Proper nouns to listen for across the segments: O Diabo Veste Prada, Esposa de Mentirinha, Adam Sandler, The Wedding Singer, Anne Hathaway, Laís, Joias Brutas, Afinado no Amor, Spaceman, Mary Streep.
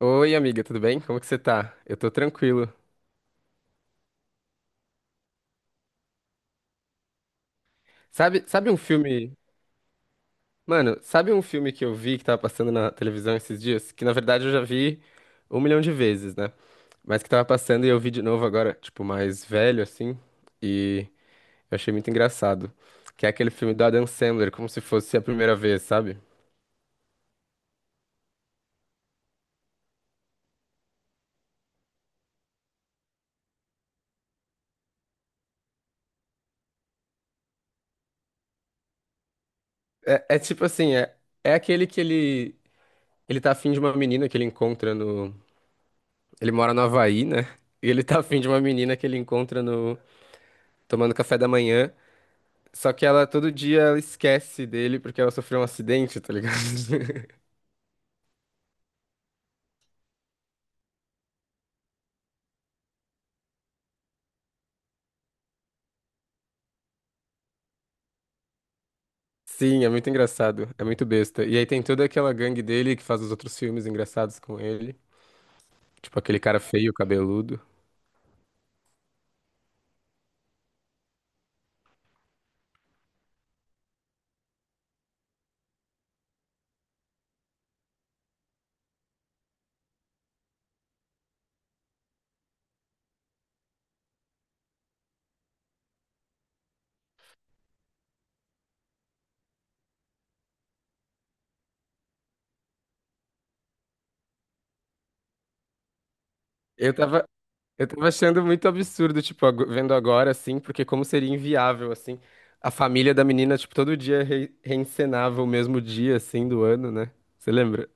Oi, amiga, tudo bem? Como que você tá? Eu tô tranquilo. Sabe um filme, mano, sabe um filme que eu vi que tava passando na televisão esses dias? Que na verdade eu já vi um milhão de vezes, né? Mas que tava passando e eu vi de novo agora, tipo, mais velho assim, e eu achei muito engraçado. Que é aquele filme do Adam Sandler, como se fosse a primeira vez, sabe? É tipo assim, é, é aquele que ele tá afim de uma menina que ele encontra no. Ele mora no Havaí, né? E ele tá afim de uma menina que ele encontra no. Tomando café da manhã. Só que ela todo dia ela esquece dele porque ela sofreu um acidente, tá ligado? Sim, é muito engraçado, é muito besta. E aí tem toda aquela gangue dele que faz os outros filmes engraçados com ele, tipo aquele cara feio, cabeludo. Eu tava, eu tava achando muito absurdo, tipo, vendo agora assim, porque como seria inviável assim, a família da menina, tipo, todo dia re reencenava o mesmo dia assim do ano, né? Você lembra?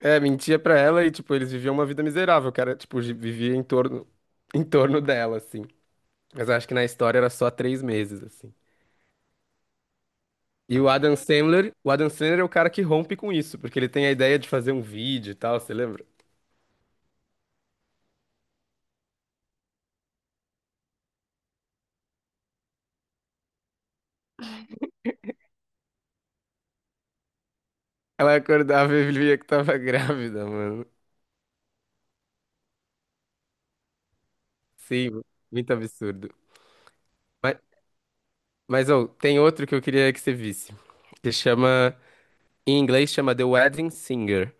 É, mentia pra ela e tipo, eles viviam uma vida miserável, o cara, tipo, vivia em torno dela assim. Mas eu acho que na história era só três meses, assim. E o Adam Sandler é o cara que rompe com isso, porque ele tem a ideia de fazer um vídeo e tal, você lembra? Ela acordava e via que tava grávida, mano. Sim, muito absurdo. Mas, mas ô, tem outro que eu queria que você visse, que chama, em inglês chama The Wedding Singer,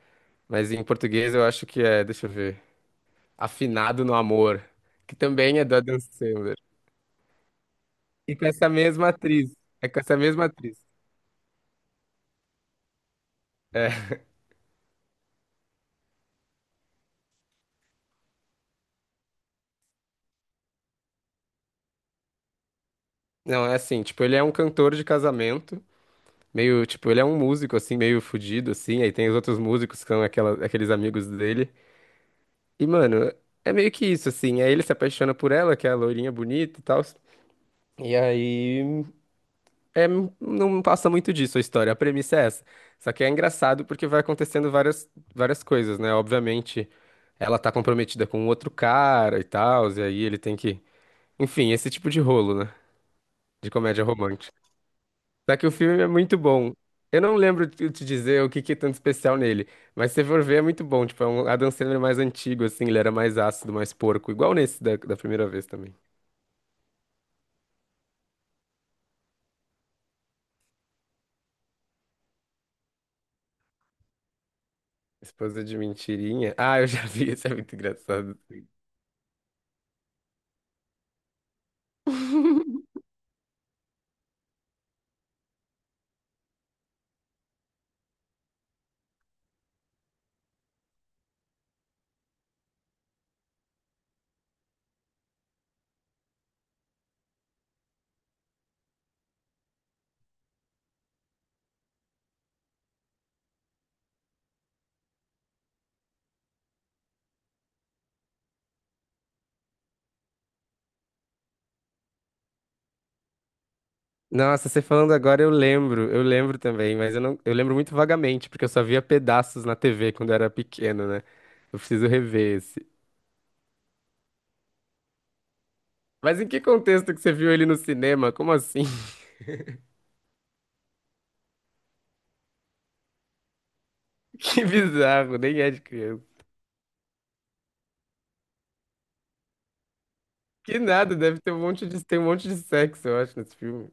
mas em português eu acho que é, deixa eu ver, Afinado no Amor, que também é do Adam Sandler. E com essa mesma atriz, é com essa mesma atriz. É. Não, é assim, tipo, ele é um cantor de casamento, meio, tipo, ele é um músico, assim, meio fudido, assim, aí tem os outros músicos que são aquela, aqueles amigos dele. E, mano, é meio que isso, assim, aí ele se apaixona por ela, que é a loirinha bonita e tal. E aí, é, não passa muito disso a história, a premissa é essa. Só que é engraçado porque vai acontecendo várias coisas, né? Obviamente, ela tá comprometida com um outro cara e tal, e aí ele tem que... Enfim, esse tipo de rolo, né? De comédia romântica. Só que o filme é muito bom. Eu não lembro te dizer o que que é tanto especial nele, mas se você for ver é muito bom. Tipo, é um Adam Sandler mais antigo, assim, ele era mais ácido, mais porco, igual nesse da primeira vez também. Esposa de mentirinha. Ah, eu já vi, isso é muito engraçado. Nossa, você falando agora eu lembro também, mas eu não, eu lembro muito vagamente, porque eu só via pedaços na TV quando eu era pequeno, né? Eu preciso rever esse. Mas em que contexto que você viu ele no cinema? Como assim? Que bizarro, nem é de criança. Que nada, deve ter um monte de, tem um monte de sexo, eu acho, nesse filme.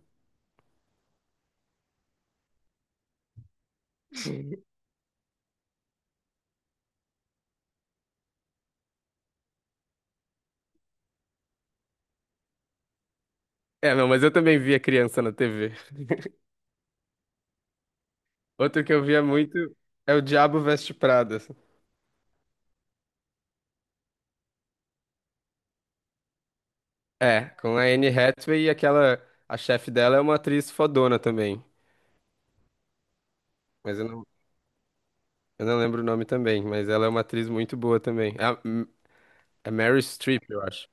É, não, mas eu também via criança na TV. Outro que eu via muito é O Diabo Veste Prada. É, com a Anne Hathaway e aquela. A chefe dela é uma atriz fodona também. Mas eu não, eu não lembro o nome também. Mas ela é uma atriz muito boa também. É, é Mary Streep, eu acho.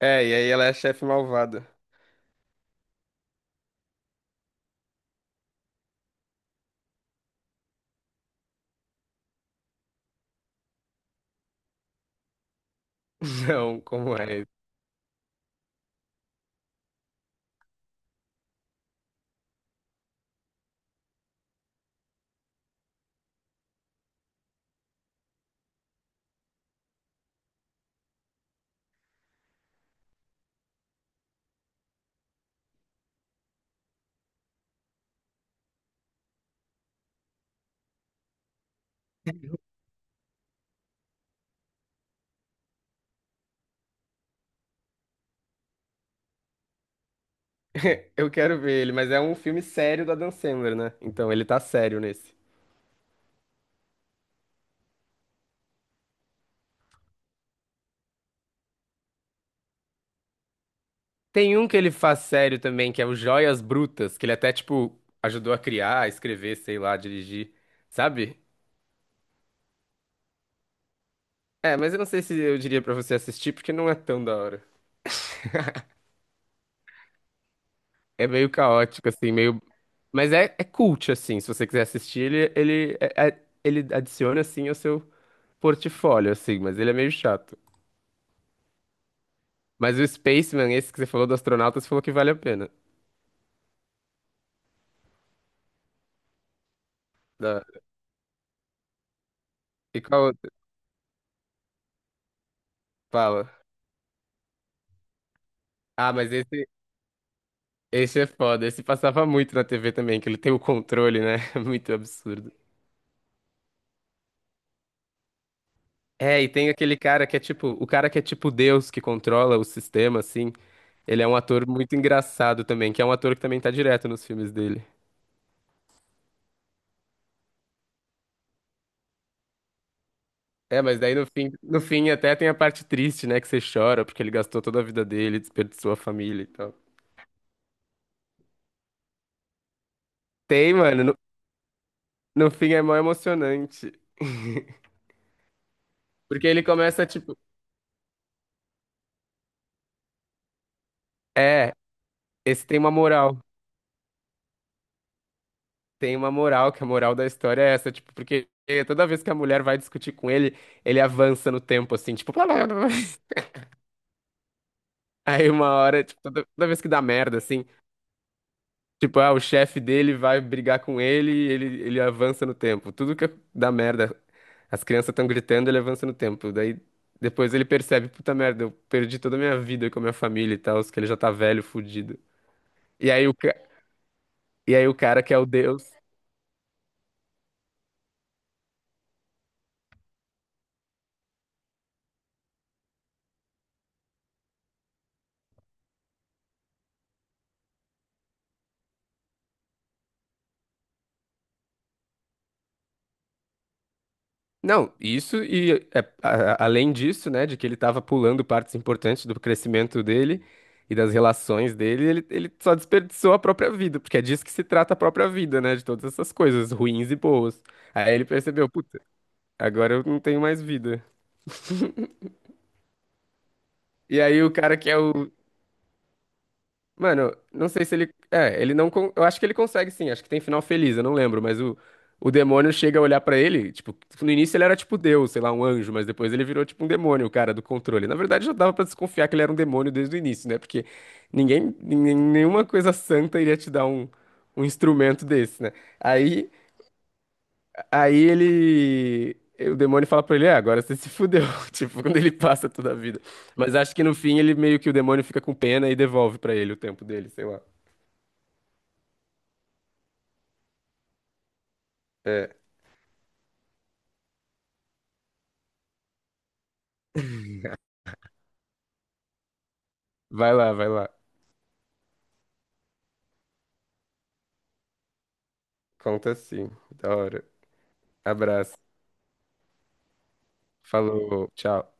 É, e aí ela é a chefe malvada. Não, como é? Eu quero ver ele, mas é um filme sério do Adam Sandler, né? Então ele tá sério nesse. Tem um que ele faz sério também, que é o Joias Brutas, que ele até, tipo, ajudou a criar, a escrever, sei lá, dirigir, sabe? É, mas eu não sei se eu diria pra você assistir, porque não é tão da hora. É meio caótico, assim, meio. Mas é, é cult, assim, se você quiser assistir, ele adiciona, assim, ao seu portfólio, assim, mas ele é meio chato. Mas o Spaceman, esse que você falou do astronauta, você falou que vale a pena. Da- E qual outro? Fala. Ah, mas esse. Esse é foda, esse passava muito na TV também, que ele tem o controle, né? Muito absurdo. É, e tem aquele cara que é tipo, o cara que é tipo Deus, que controla o sistema, assim. Ele é um ator muito engraçado também, que é um ator que também tá direto nos filmes dele. É, mas daí no fim, no fim até tem a parte triste, né? Que você chora, porque ele gastou toda a vida dele, desperdiçou a família e tal. Tem, mano, no fim é mó emocionante. Porque ele começa, tipo, é, esse tem uma moral. Tem uma moral, que a moral da história é essa, tipo, porque toda vez que a mulher vai discutir com ele, ele avança no tempo, assim, tipo, blá, blá, blá, blá. Aí uma hora, tipo, toda vez que dá merda, assim, tipo, ah, o chefe dele vai brigar com ele e ele avança no tempo. Tudo que dá merda, as crianças estão gritando, ele avança no tempo. Daí depois ele percebe, puta merda, eu perdi toda a minha vida com a minha família e tal, que ele já tá velho, fudido. E aí e aí o cara que é o Deus. Não, isso e é, além disso, né, de que ele estava pulando partes importantes do crescimento dele e das relações dele, ele só desperdiçou a própria vida, porque é disso que se trata a própria vida, né, de todas essas coisas ruins e boas. Aí ele percebeu, puta, agora eu não tenho mais vida. E aí o cara que é o Mano, não sei se ele. É, ele não. Eu acho que ele consegue sim, acho que tem final feliz, eu não lembro, mas o demônio chega a olhar pra ele, tipo, no início ele era tipo Deus, sei lá, um anjo, mas depois ele virou tipo um demônio, o cara do controle. Na verdade já dava pra desconfiar que ele era um demônio desde o início, né? Porque nenhuma coisa santa iria te dar um, um instrumento desse, né? Aí, aí ele. O demônio fala pra ele, é, agora você se fudeu, tipo, quando ele passa toda a vida. Mas acho que no fim ele meio que o demônio fica com pena e devolve pra ele o tempo dele, sei lá. É, vai lá, vai lá. Conta sim. Da hora. Abraço. Falou, tchau.